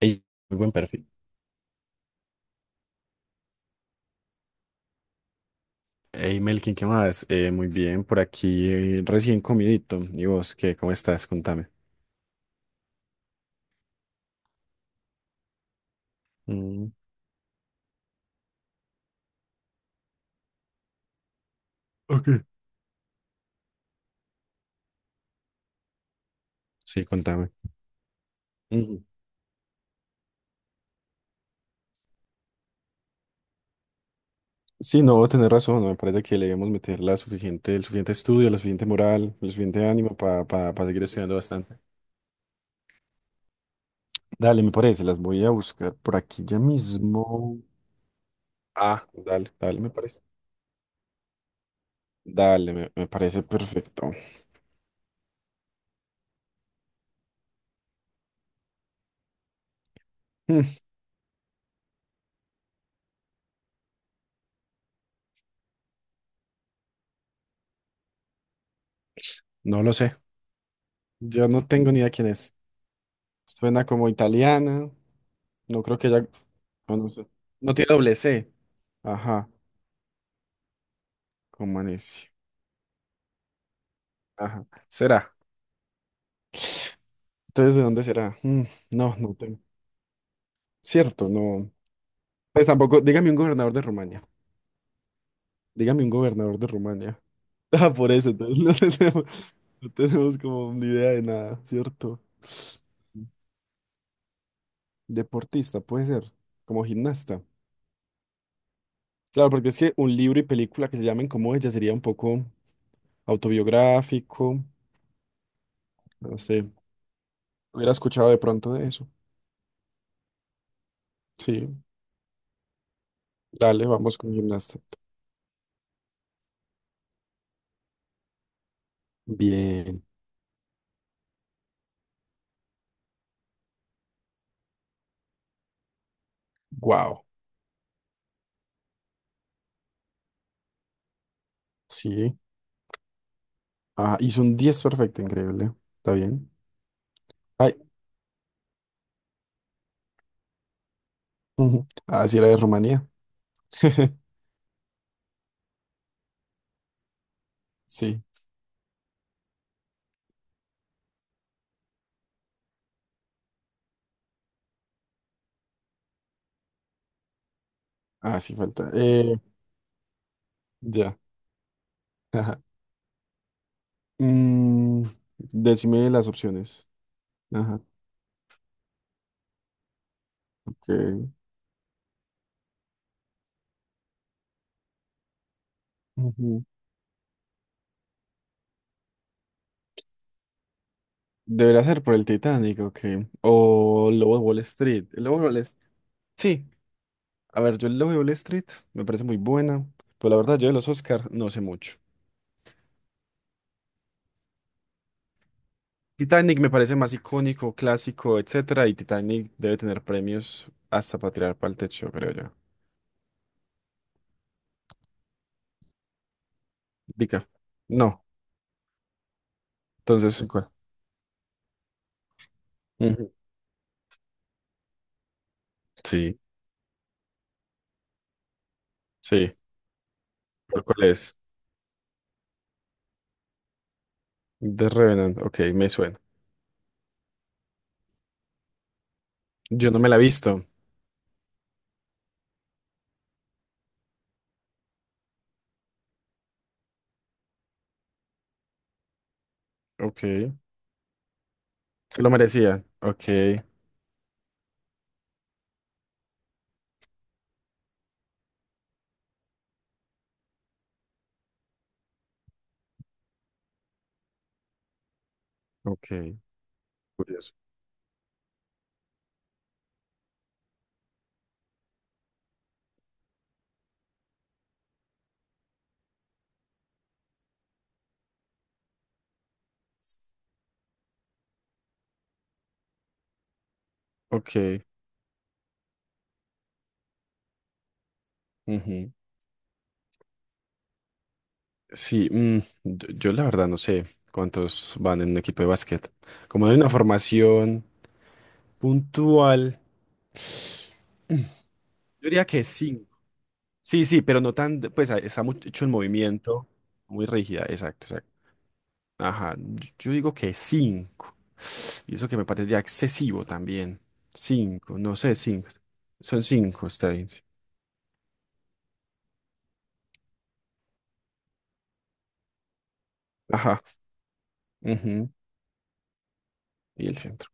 Ey, muy buen perfil. Hey Melkin, ¿qué más? Muy bien, por aquí recién comidito. ¿Y vos qué? ¿Cómo estás? Contame. Mm. Ok. Sí, contame. Ujú. Sí, no, tenés razón. Me parece que le debemos meter la suficiente, el suficiente estudio, la suficiente moral, el suficiente ánimo para seguir estudiando bastante. Dale, me parece, las voy a buscar por aquí ya mismo. Ah, dale, dale, me parece. Dale, me parece perfecto. Mm. No lo sé. Yo no tengo ni idea quién es. Suena como italiana. No creo que ya. Ah, no sé. No tiene doble C. Ajá. Como necio. Ajá. Será. Entonces, ¿de dónde será? Mm, no, no tengo. Cierto, no. Pues tampoco. Dígame un gobernador de Rumania. Dígame un gobernador de Rumania. Ah, por eso, entonces no tenemos, no tenemos como ni idea de nada, ¿cierto? Deportista, puede ser. Como gimnasta. Claro, porque es que un libro y película que se llamen como ella sería un poco autobiográfico. No sé. Hubiera escuchado de pronto de eso. Sí, dale, vamos con gimnasta. Bien. Wow. Sí. Ah, hizo un 10 perfecto, increíble. Está bien. Ay. Ujú. Ah, sí, era de Rumanía. Sí. Ah, sí, falta. Ya. Ajá. Mm, decime las opciones. Ajá. Ok. Ujú. Debería ser por el Titanic, ok. O Lobo de Wall Street. El Lobo de Wall Street. Sí. A ver, yo el Lobo de Wall Street me parece muy buena. Pero la verdad, yo de los Oscars no sé mucho. Titanic me parece más icónico, clásico, etcétera, y Titanic debe tener premios hasta para tirar para el techo, creo yo. Dica. No. Entonces, ¿cuál? Ujú. Sí, sí. ¿Cuál, cuál es? The Revenant. Ok, me suena. Yo no me la he visto. Ok. Se lo merecía. Ok, ok. Curioso. Ok. Ujú. Sí, mm, yo la verdad no sé cuántos van en un equipo de básquet. Como hay una formación puntual. Yo diría que 5. Sí, sí, pero no tan, de- pues a- está mucho en movimiento, muy rígida, exacto, exacto. Ajá, yo digo que 5. Y eso que me parece ya excesivo también. Cinco, no sé, 5. Son 5, está bien. Sí. Ajá. Ujú, y el centro.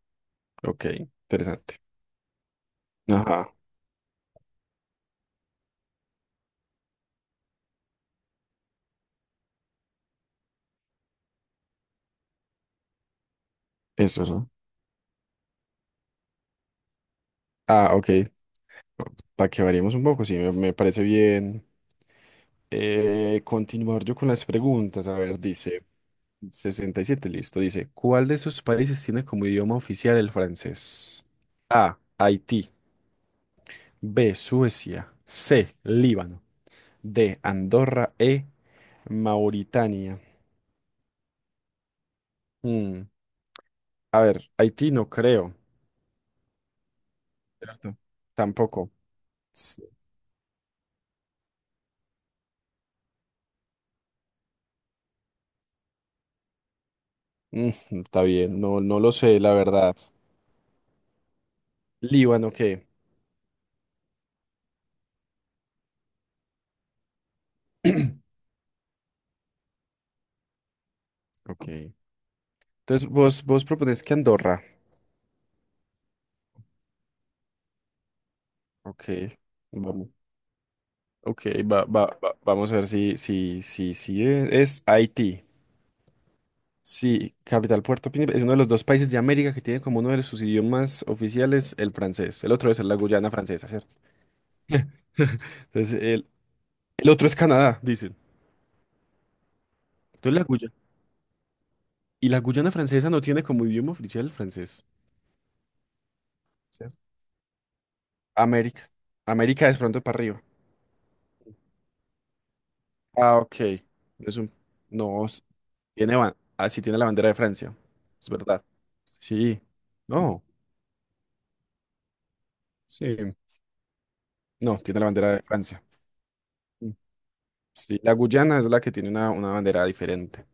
Ok, interesante. Ajá, eso, ¿no? Ah, ok. Para que variemos un poco, sí, me parece bien. Continuar yo con las preguntas. A ver, dice 67, listo. Dice, ¿cuál de esos países tiene como idioma oficial el francés? A, Haití. B, Suecia. C, Líbano. D, Andorra. E, Mauritania. Mm, a ver, Haití no creo. ¿Cierto? Tampoco. S- mm, está bien, no, no lo sé, la verdad. Líbano, ¿qué? Ok. Entonces, vos, vos propones que Andorra. Ok. Vamos. Ok, va, va, va- vamos a ver si, si, si, si es, es Haití. Sí, capital Puerto Príncipe. Es uno de los dos países de América que tiene como uno de sus idiomas oficiales el francés. El otro es la Guyana francesa, ¿cierto? Entonces, el otro es Canadá, dicen. Entonces, la Guyana. Y la Guyana francesa no tiene como idioma oficial el francés. ¿Cierto? América. América es pronto para arriba. Ah, ok. No es un- no, s- tiene, ba- ah, sí tiene la bandera de Francia. Es verdad. Sí. No. Sí. No, tiene la bandera de Francia. Mm. Sí, la Guyana es la que tiene una bandera diferente.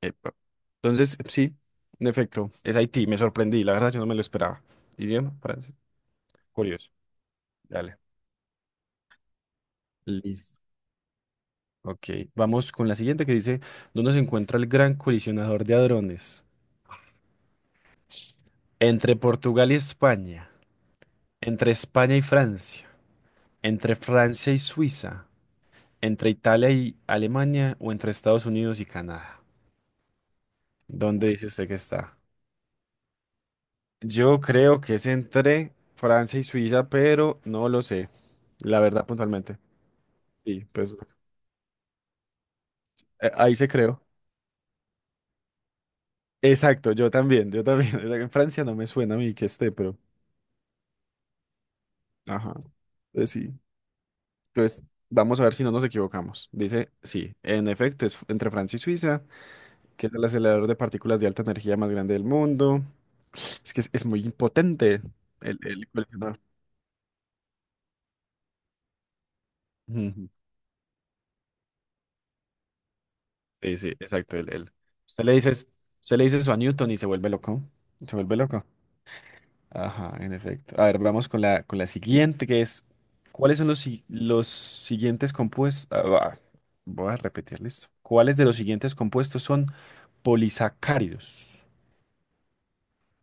Epa. Entonces, sí, en efecto, es Haití. Me sorprendí, la verdad, yo no me lo esperaba. Idioma, francés. Curioso. Dale. Listo. Ok, vamos con la siguiente que dice, ¿dónde se encuentra el gran colisionador de hadrones? Entre Portugal y España, entre España y Francia, entre Francia y Suiza, entre Italia y Alemania o entre Estados Unidos y Canadá. ¿Dónde dice usted que está? Yo creo que es entre Francia y Suiza, pero no lo sé, la verdad puntualmente. Sí, pues ahí se creó. Exacto, yo también, yo también. En Francia no me suena a mí que esté, pero... Ajá, pues sí. Pues vamos a ver si no nos equivocamos. Dice, sí, en efecto, es entre Francia y Suiza, que es el acelerador de partículas de alta energía más grande del mundo. Es que es muy impotente el coleccionar. Ujú. Sí, sí, exacto. El- usted le dice, usted le dice eso a Newton y se vuelve loco. Se vuelve loco. Ajá, en efecto. A ver, vamos con la siguiente, que es, ¿cuáles son los, si- los siguientes compuestos? Voy a repetir, listo. ¿Cuáles de los siguientes compuestos son polisacáridos?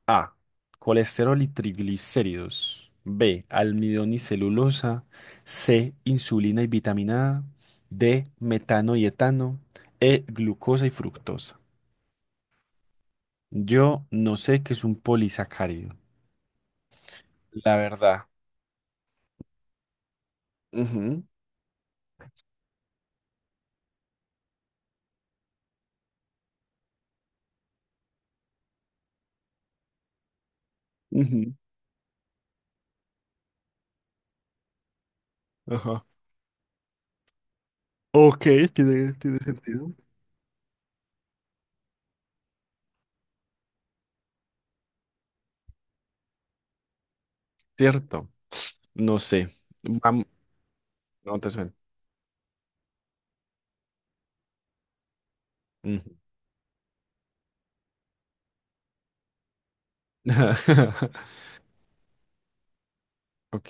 A, colesterol y triglicéridos. B, almidón y celulosa. C, insulina y vitamina A. D, metano y etano. E, glucosa y fructosa. Yo no sé qué es un polisacárido, la verdad. Ujú, ujú. Ajá. Ok, tiene, tiene sentido. Cierto, no sé. Vam- no te suena. Ujú. Ok.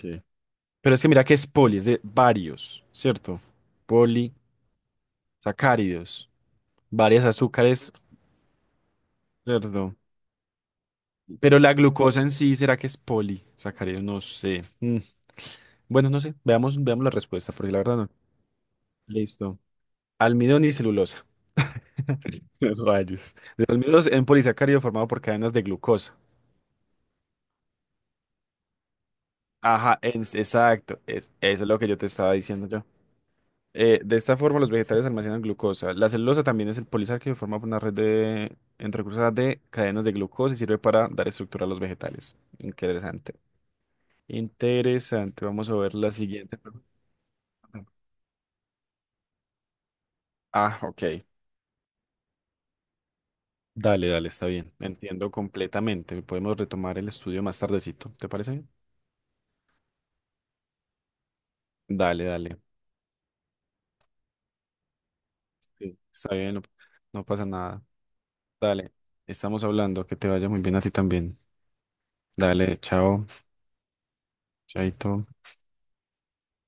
Pero es que mira que es poli, es de varios, ¿cierto? Polisacáridos, varios azúcares, ¿cierto? Pero la glucosa en sí, ¿será que es polisacárido? No sé. Mm, bueno, no sé. Veamos, veamos la respuesta, porque la verdad no. Listo. Almidón y celulosa. Rayos. De los mismos en polisacárido formado por cadenas de glucosa. Ajá, ens- exacto. Es, eso es lo que yo te estaba diciendo yo. De esta forma, los vegetales almacenan glucosa. La celulosa también es el polisacárido formado por una red de entre entrecruzadas de cadenas de glucosa y sirve para dar estructura a los vegetales. Interesante. Interesante. Vamos a ver la siguiente pregunta. Ah, ok. Dale, dale, está bien. Entiendo completamente. Podemos retomar el estudio más tardecito. ¿Te parece bien? Dale, dale. Sí. Está bien, no no pasa nada. Dale, estamos hablando, que te vaya muy bien a ti también. Dale, chao, chaito.